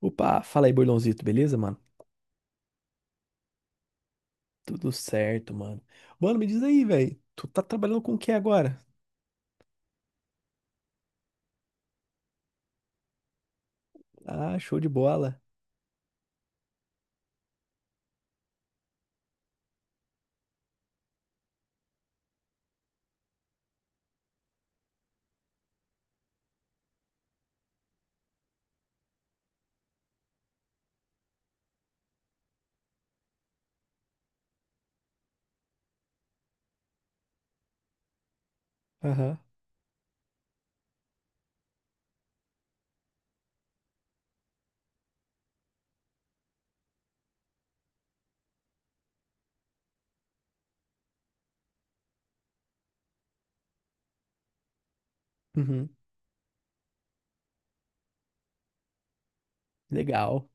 Opa, fala aí, Bordãozito, beleza, mano? Tudo certo, mano. Mano, me diz aí, velho. Tu tá trabalhando com o que agora? Ah, show de bola. Aham. Uhum. Legal.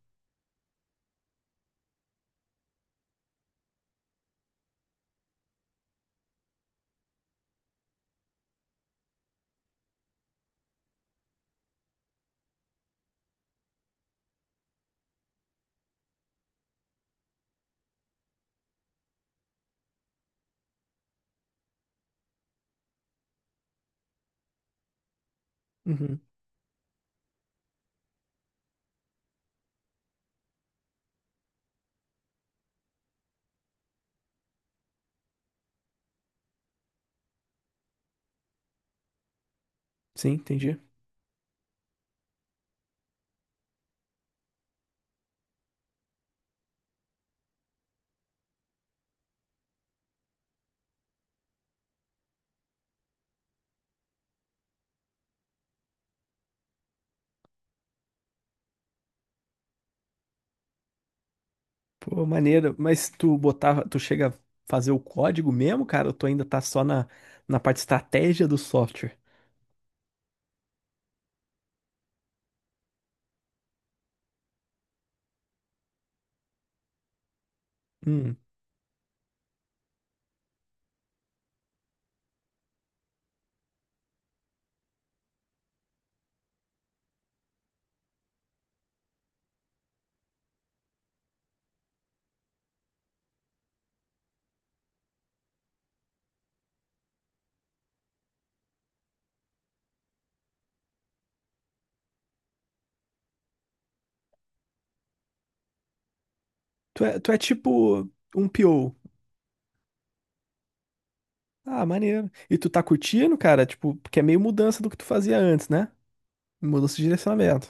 Uhum. Sim, entendi. Pô, maneiro. Mas tu chega a fazer o código mesmo, cara? Ou tu ainda tá só na parte de estratégia do software? Hum. Tu é tipo um PO. Ah, maneiro. E tu tá curtindo, cara? Tipo, porque é meio mudança do que tu fazia antes, né? Mudança de direcionamento.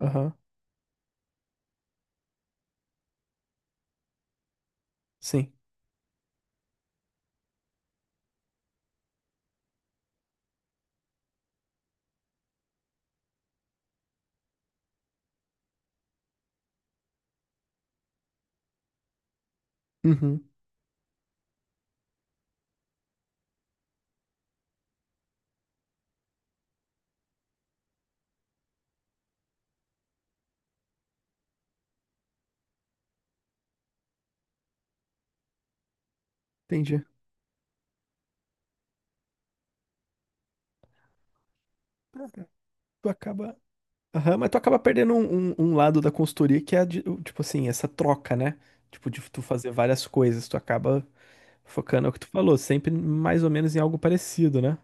Aham. Sim. Uhum. Entendi. Tu acaba. Aham, mas tu acaba perdendo um lado da consultoria que é, tipo assim, essa troca, né? Tipo, de tu fazer várias coisas, tu acaba focando, é o que tu falou, sempre mais ou menos em algo parecido, né?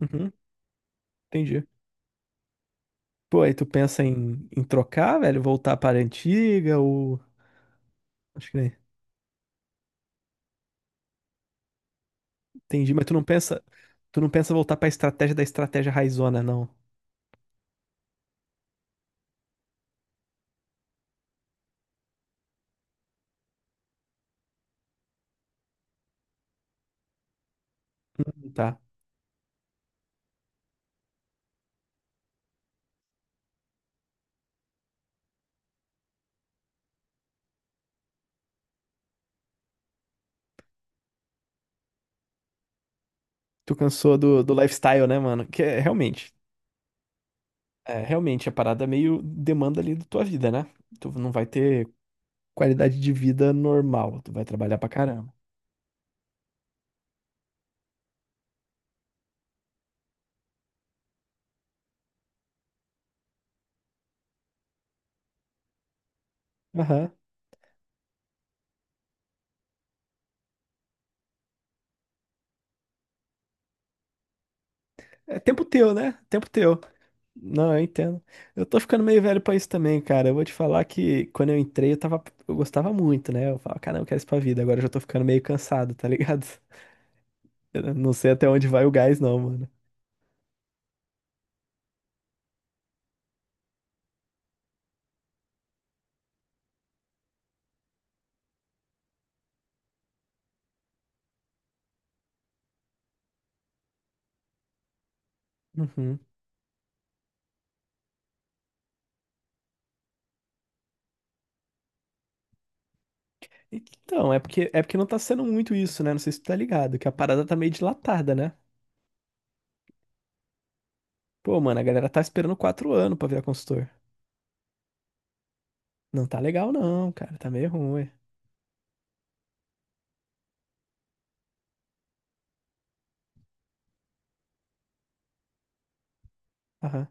Uhum, entendi. Pô, aí tu pensa em, em trocar, velho, voltar para a antiga ou. Acho que nem. Entendi, mas tu não pensa voltar para estratégia da estratégia raizona, não. Tá. Tu cansou do, do lifestyle, né, mano? Que é realmente. É, realmente, a parada é meio demanda ali da tua vida, né? Tu não vai ter qualidade de vida normal. Tu vai trabalhar pra caramba. Aham. É tempo teu, né? Tempo teu. Não, eu entendo. Eu tô ficando meio velho pra isso também, cara. Eu vou te falar que quando eu entrei, eu gostava muito, né? Eu falava, caramba, eu quero isso pra vida. Agora eu já tô ficando meio cansado, tá ligado? Eu não sei até onde vai o gás, não, mano. Uhum. Então, é porque não tá sendo muito isso, né? Não sei se tu tá ligado, que a parada tá meio dilatada, né? Pô, mano, a galera tá esperando 4 anos pra virar consultor. Não tá legal, não, cara. Tá meio ruim. Aham.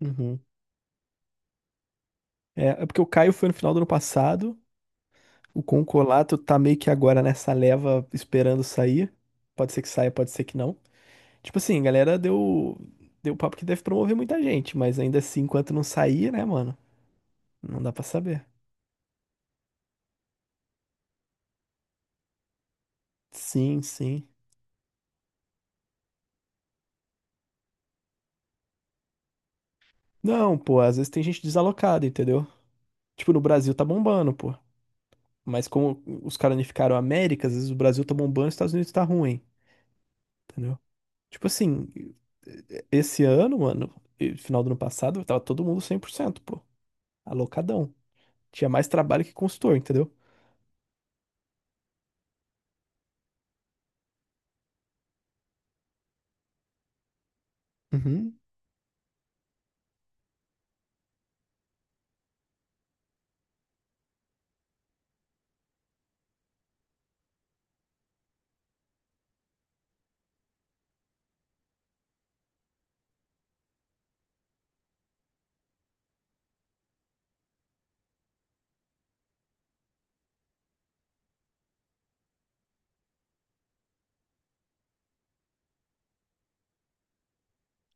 Uhum. É, é porque o Caio foi no final do ano passado, o Concolato tá meio que agora nessa leva esperando sair. Pode ser que saia, pode ser que não. Tipo assim, a galera deu papo que deve promover muita gente, mas ainda assim, enquanto não sair, né, mano? Não dá pra saber. Sim, sim. Não, pô, às vezes tem gente desalocada, entendeu? Tipo, no Brasil tá bombando, pô. Mas como os caras unificaram a América, às vezes o Brasil tá bombando e os Estados Unidos tá ruim, entendeu? Tipo assim, esse ano, mano, e final do ano passado, tava todo mundo 100% pô. Alocadão. Tinha mais trabalho que consultor, entendeu? Uhum.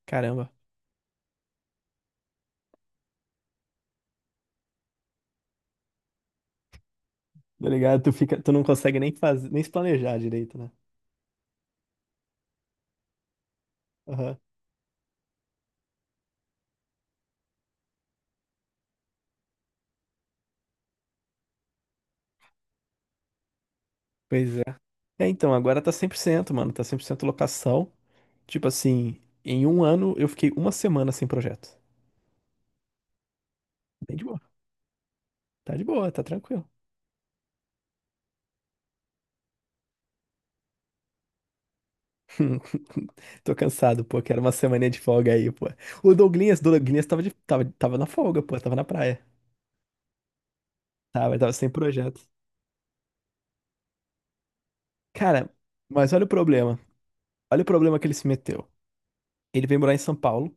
Caramba. Tá ligado? Tu fica, tu não consegue nem fazer, nem se planejar direito, né? Aham. Pois é. É, então, agora tá 100% mano. Tá 100% locação. Tipo assim, em um ano eu fiquei uma semana sem projeto. Bem de boa. Tá de boa, tá tranquilo. Tô cansado, pô. Quero uma semaninha de folga aí, pô. O Douglinhas tava na folga, pô. Tava na praia. Tava, ele tava sem projeto. Cara, mas olha o problema. Olha o problema que ele se meteu. Ele veio morar em São Paulo,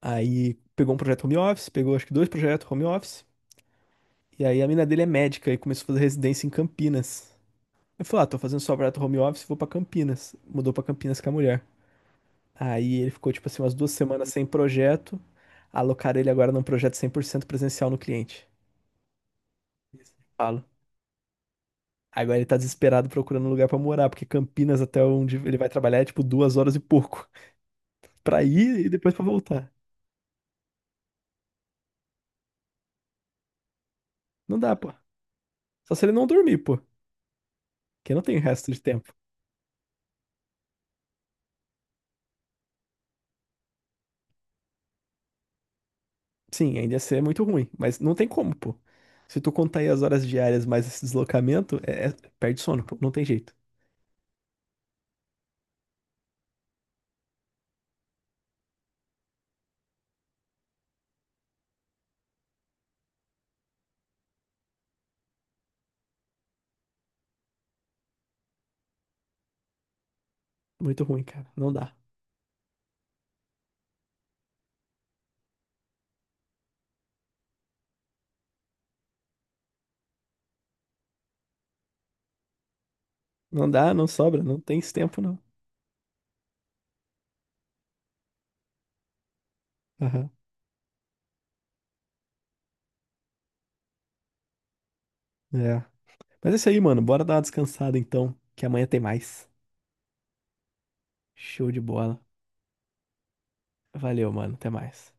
aí pegou um projeto home office, pegou acho que dois projetos home office, e aí a mina dele é médica e começou a fazer residência em Campinas. Ele falou, ah, tô fazendo só projeto home office, vou pra Campinas. Mudou pra Campinas com a mulher. Aí ele ficou, tipo assim, umas 2 semanas sem projeto, alocaram ele agora num projeto 100% presencial no cliente. Isso. Falo. Agora ele tá desesperado procurando um lugar pra morar, porque Campinas até onde ele vai trabalhar é tipo 2 horas e pouco. Pra ir e depois pra voltar. Não dá, pô. Só se ele não dormir, pô. Que não tem resto de tempo. Sim, ainda ia ser muito ruim, mas não tem como, pô. Se tu contar aí as horas diárias mais esse deslocamento, perde sono, pô. Não tem jeito. Muito ruim, cara. Não dá. Não dá, não sobra, não tem esse tempo, não. Aham. É. Mas é isso aí, mano. Bora dar uma descansada então, que amanhã tem mais. Show de bola. Valeu, mano. Até mais.